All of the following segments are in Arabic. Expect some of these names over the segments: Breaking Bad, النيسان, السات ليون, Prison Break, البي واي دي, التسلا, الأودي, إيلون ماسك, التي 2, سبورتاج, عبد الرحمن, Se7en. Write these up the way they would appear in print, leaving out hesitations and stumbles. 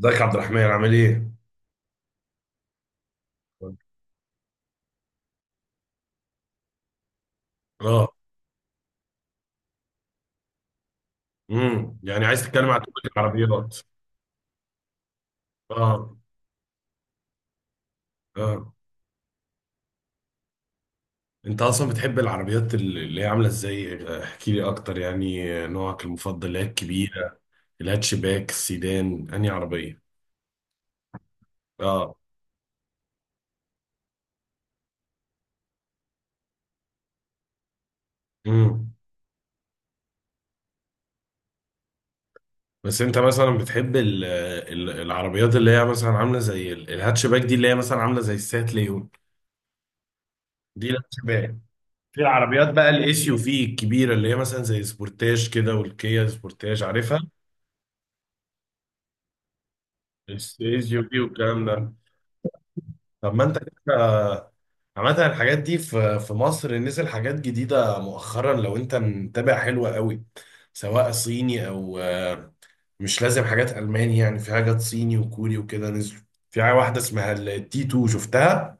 ازيك يا عبد الرحمن عامل ايه؟ اه. يعني عايز تتكلم عن توبيك العربيات. اه. اه، انت اصلا بتحب العربيات اللي هي عامله ازاي؟ احكي لي اكتر، يعني نوعك المفضل اللي هي الكبيره، الهاتشباك، السيدان، انهي عربيه؟ اه. امم بس انت مثلا بتحب العربيات اللي هي مثلا عامله زي الهاتشباك دي، اللي هي مثلا عامله زي السات ليون؟ دي الهاتشباك. في العربيات بقى الاس يو في الكبيره اللي هي مثلا زي سبورتاج كده، والكيا سبورتاج، عارفها؟ استيز يوجي والكلام ده. طب ما انت كده. عامة الحاجات دي في مصر نزل حاجات جديدة مؤخرا لو انت متابع، حلوة قوي، سواء صيني او مش لازم حاجات ألماني، يعني في حاجات صيني وكوري وكده نزلوا. في حاجة واحدة اسمها التي 2 شفتها؟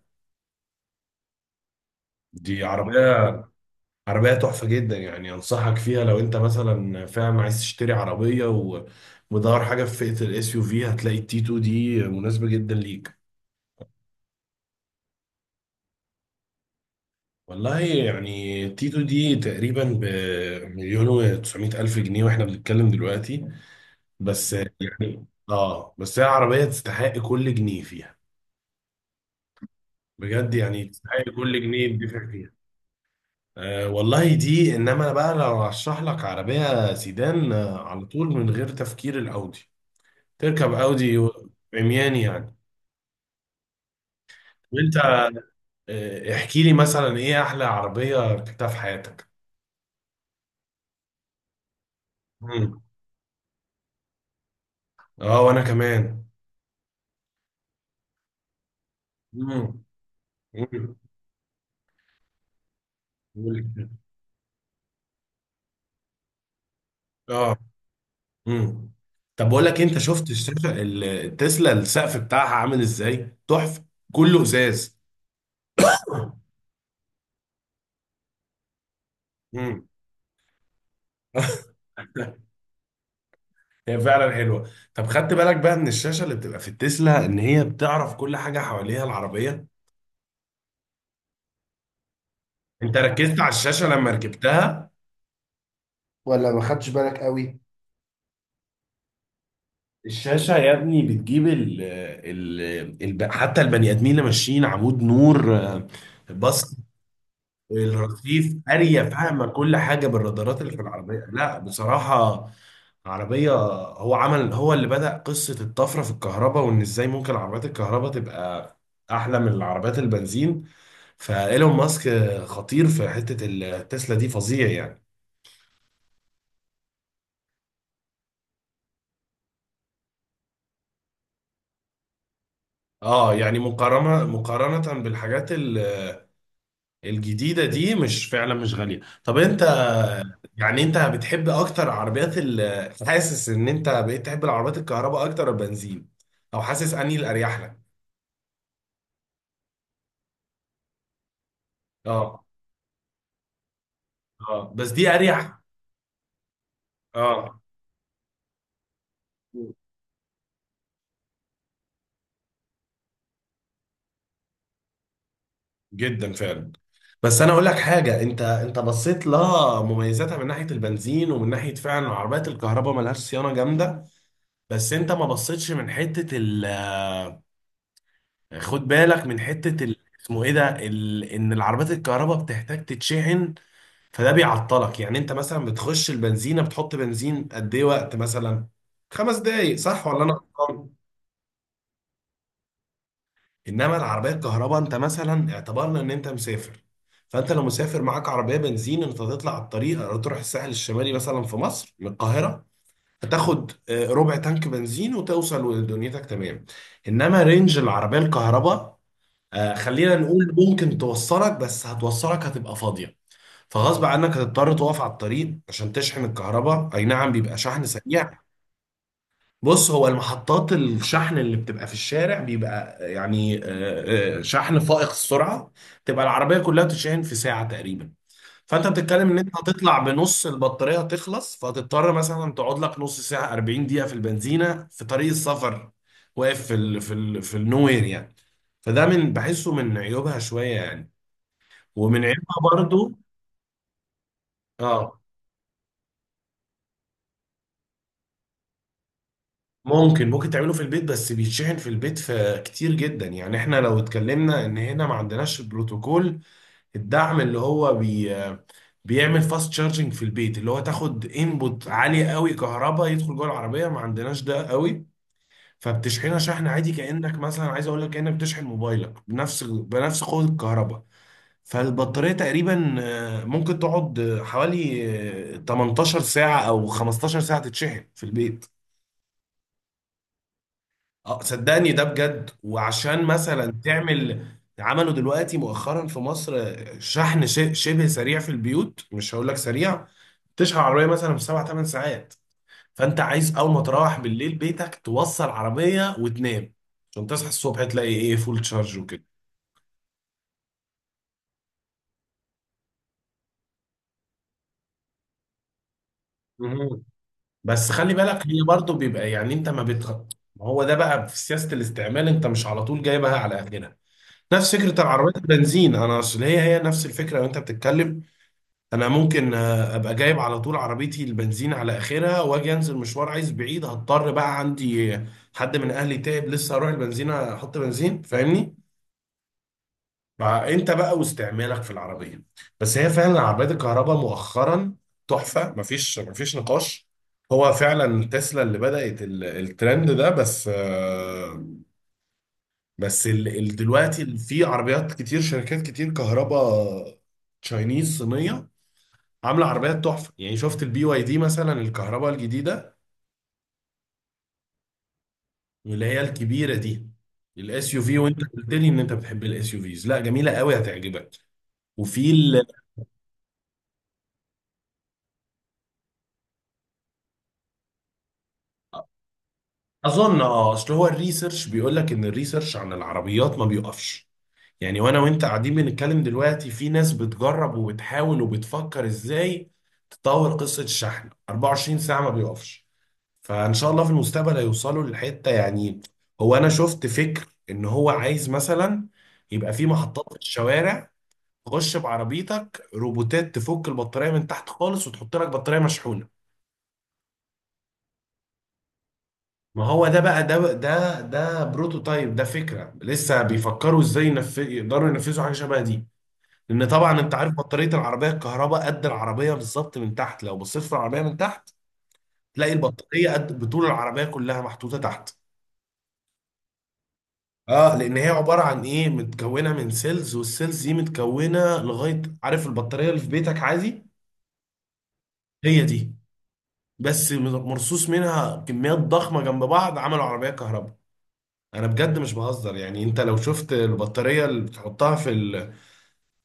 دي عربية عربية تحفة جدا، يعني أنصحك فيها لو أنت مثلا فعلا عايز تشتري عربية ومدور حاجة في فئة الإس يو في، هتلاقي التي 2 دي مناسبة جدا ليك. والله يعني تيتو دي تقريبا بمليون وتسعمائة ألف جنيه واحنا بنتكلم دلوقتي، بس يعني اه، بس هي عربية تستحق كل جنيه فيها. بجد يعني تستحق كل جنيه يدفع فيها. آه والله دي، انما انا بقى لو هشرح لك عربية سيدان، على طول من غير تفكير، الأودي. تركب أودي عميان يعني. وانت احكي لي مثلا ايه احلى عربية ركبتها في حياتك؟ مم. اه وانا كمان. مم. مم. اه. امم طب بقول لك إيه، انت شفت الشاشه التسلا، السقف بتاعها عامل ازاي تحفه، كله ازاز. امم. هي فعلا حلوه. طب خدت بالك بقى من الشاشه اللي بتبقى في التسلا ان هي بتعرف كل حاجه حواليها العربيه؟ انت ركزت على الشاشه لما ركبتها ولا ما خدتش بالك قوي؟ الشاشة يا ابني بتجيب ال حتى البني آدمين اللي ماشيين عمود نور، بص، الرصيف، قارية فاهمة كل حاجة بالرادارات اللي في العربية، لا بصراحة عربية. هو اللي بدأ قصة الطفرة في الكهرباء، وإن إزاي ممكن عربيات الكهرباء تبقى أحلى من العربيات البنزين. فإيلون ماسك خطير في حتة التسلا دي، فظيع يعني. اه يعني مقارنة مقارنة بالحاجات الجديدة دي، مش فعلا مش غالية. طب انت، يعني انت بتحب اكتر عربيات ال، حاسس ان انت بقيت تحب العربيات الكهرباء اكتر ولا البنزين، او حاسس انهي الاريح لك؟ اه. اه بس دي اريح. اه جدا فعلا. بس انا اقول لك حاجه، انت بصيت لها مميزاتها من ناحيه البنزين ومن ناحيه فعلا عربيات الكهرباء ملهاش صيانه جامده، بس انت ما بصيتش من حته ال، خد بالك من حته ال، اسمه ايه ده، ال ان العربيات الكهرباء بتحتاج تتشحن، فده بيعطلك. يعني انت مثلا بتخش البنزينه بتحط بنزين قد ايه وقت، مثلا 5 دقايق صح ولا انا غلطان؟ انما العربيه الكهرباء، انت مثلا اعتبرنا ان انت مسافر، فانت لو مسافر معاك عربيه بنزين انت هتطلع على الطريق أو تروح الساحل الشمالي مثلا في مصر من القاهره، هتاخد ربع تانك بنزين وتوصل ودنيتك تمام. انما رينج العربيه الكهرباء، خلينا نقول ممكن توصلك بس هتوصلك هتبقى فاضيه. فغصب عنك هتضطر تقف على الطريق عشان تشحن الكهرباء، اي نعم بيبقى شحن سريع. بص، هو المحطات الشحن اللي بتبقى في الشارع بيبقى يعني شحن فائق السرعة، تبقى العربية كلها تشحن في ساعة تقريبا. فانت بتتكلم ان انت هتطلع بنص البطارية تخلص فهتضطر مثلا تقعد لك نص ساعة 40 دقيقة في البنزينة في طريق السفر، واقف في النوير يعني. فده من بحسه من عيوبها شوية يعني. ومن عيوبها برضو. اه. ممكن تعمله في البيت، بس بيتشحن في البيت في كتير جدا يعني. احنا لو اتكلمنا ان هنا ما عندناش بروتوكول الدعم اللي هو بيعمل فاست تشارجنج في البيت، اللي هو تاخد انبوت عالية قوي كهرباء يدخل جوه العربية، ما عندناش ده قوي. فبتشحنها شحن عادي، كأنك مثلا عايز اقول لك كأنك بتشحن موبايلك بنفس قوة الكهرباء. فالبطارية تقريبا ممكن تقعد حوالي 18 ساعة او 15 ساعة تتشحن في البيت. اه صدقني ده بجد. وعشان مثلا تعمل، عملوا دلوقتي مؤخرا في مصر شحن شبه سريع في البيوت، مش هقول لك سريع، تشحن عربيه مثلا في 7 8 ساعات. فانت عايز اول ما تروح بالليل بيتك توصل عربيه وتنام، عشان تصحى الصبح تلاقي ايه، فول تشارج وكده. مهم. بس خلي بالك هي برضو بيبقى يعني انت ما بتخ... ما هو ده بقى في سياسة الاستعمال، انت مش على طول جايبها على اخرها، نفس فكرة العربيات البنزين. انا اصل هي نفس الفكرة وانت بتتكلم. انا ممكن ابقى جايب على طول عربيتي البنزين على اخرها واجي انزل مشوار عايز بعيد، هضطر بقى عندي حد من اهلي تعب لسه هروح البنزينه احط بنزين، فاهمني؟ بقى انت بقى واستعمالك في العربيه. بس هي فعلا عربيات الكهرباء مؤخرا تحفه، مفيش نقاش. هو فعلا تسلا اللي بدأت الترند ده، بس بس دلوقتي في عربيات كتير شركات كتير كهرباء، تشاينيز صينيه، عامله عربيات تحفه. يعني شفت البي واي دي مثلا الكهرباء الجديده؟ اللي هي الكبيره دي، الاس يو في، وانت قلت لي ان انت بتحب الاس يو فيز، لا جميله قوي هتعجبك. وفي ال... اظن اه، اصل هو الريسيرش بيقول لك ان الريسيرش عن العربيات ما بيقفش، يعني وانا وانت قاعدين بنتكلم دلوقتي في ناس بتجرب وبتحاول وبتفكر ازاي تطور قصة الشحن، 24 ساعة ما بيقفش. فان شاء الله في المستقبل هيوصلوا للحتة يعني. هو انا شفت فكر ان هو عايز مثلا يبقى في محطات في الشوارع تخش بعربيتك روبوتات تفك البطارية من تحت خالص وتحط لك بطارية مشحونة. ما هو ده بقى، ده بروتوتايب، ده فكرة لسه بيفكروا ازاي يقدروا ينفذوا حاجة شبه دي. لان طبعا انت عارف بطاريه العربيه الكهرباء قد العربيه بالظبط من تحت، لو بصيت في العربيه من تحت تلاقي البطاريه قد بطول العربيه كلها محطوطه تحت. اه لان هي عباره عن ايه، متكونه من سيلز، والسيلز دي متكونه لغايه، عارف البطاريه اللي في بيتك عادي؟ هي دي، بس مرصوص منها كميات ضخمه جنب بعض، عملوا عربيه كهرباء. انا بجد مش بهزر يعني، انت لو شفت البطاريه اللي بتحطها في،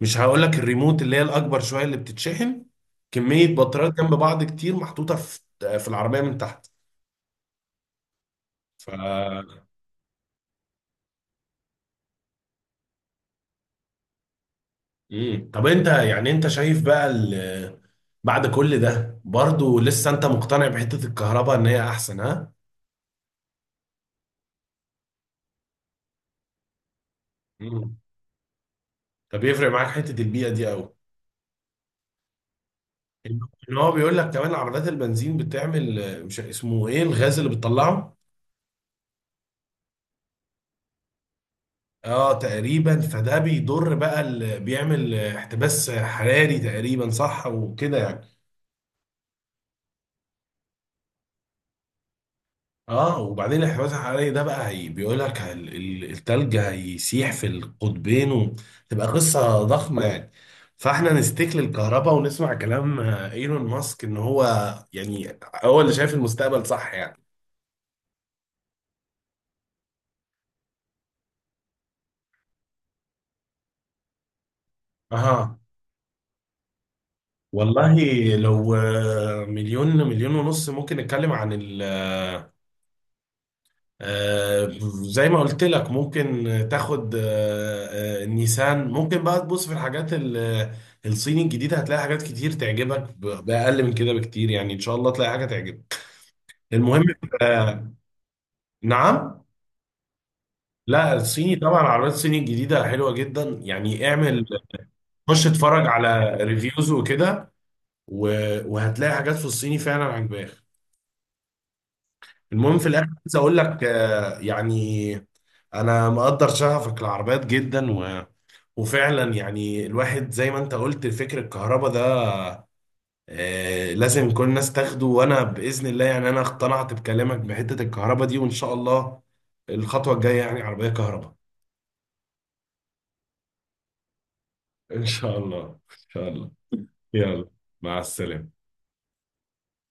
مش هقول لك الريموت اللي هي الاكبر شويه اللي بتتشحن، كميه بطاريات جنب بعض كتير محطوطه في العربيه من تحت. ف، مم. طب انت يعني انت شايف بقى ال... بعد كل ده برضو لسه انت مقتنع بحته الكهرباء ان هي احسن، ها؟ مم. طب يفرق معاك حته البيئه دي قوي، ان إن هو بيقول لك كمان عربيات البنزين بتعمل مش اسمه ايه الغاز اللي بتطلعه؟ اه تقريبا، فده بيضر بقى ال... بيعمل احتباس حراري تقريبا صح وكده يعني. اه، وبعدين الانحباس الحراري ده بقى هي بيقول لك التلج هيسيح في القطبين وتبقى قصة ضخمة يعني. فاحنا نستك للكهرباء ونسمع كلام ايلون ماسك ان هو يعني هو اللي شايف المستقبل، صح يعني. اه. والله، لو مليون مليون ونص، ممكن نتكلم عن ال، آه، زي ما قلت لك ممكن تاخد النيسان، ممكن بقى تبص في الحاجات الصيني الجديدة، هتلاقي حاجات كتير تعجبك بأقل من كده بكتير يعني، إن شاء الله تلاقي حاجة تعجبك. المهم آه، نعم. لا الصيني طبعا، العربيات الصيني الجديدة حلوة جدا يعني، اعمل خش اتفرج على ريفيوز وكده، وهتلاقي حاجات في الصيني فعلا عجباك. المهم في الآخر عايز أقول لك يعني أنا مقدر شغفك العربيات جدا، وفعلا يعني الواحد زي ما انت قلت فكر الكهرباء ده لازم كل الناس تاخده، وانا باذن الله يعني انا اقتنعت بكلامك بحته الكهرباء دي، وان شاء الله الخطوه الجايه يعني عربيه كهرباء. ان شاء الله ان شاء الله. يلا، مع السلامه.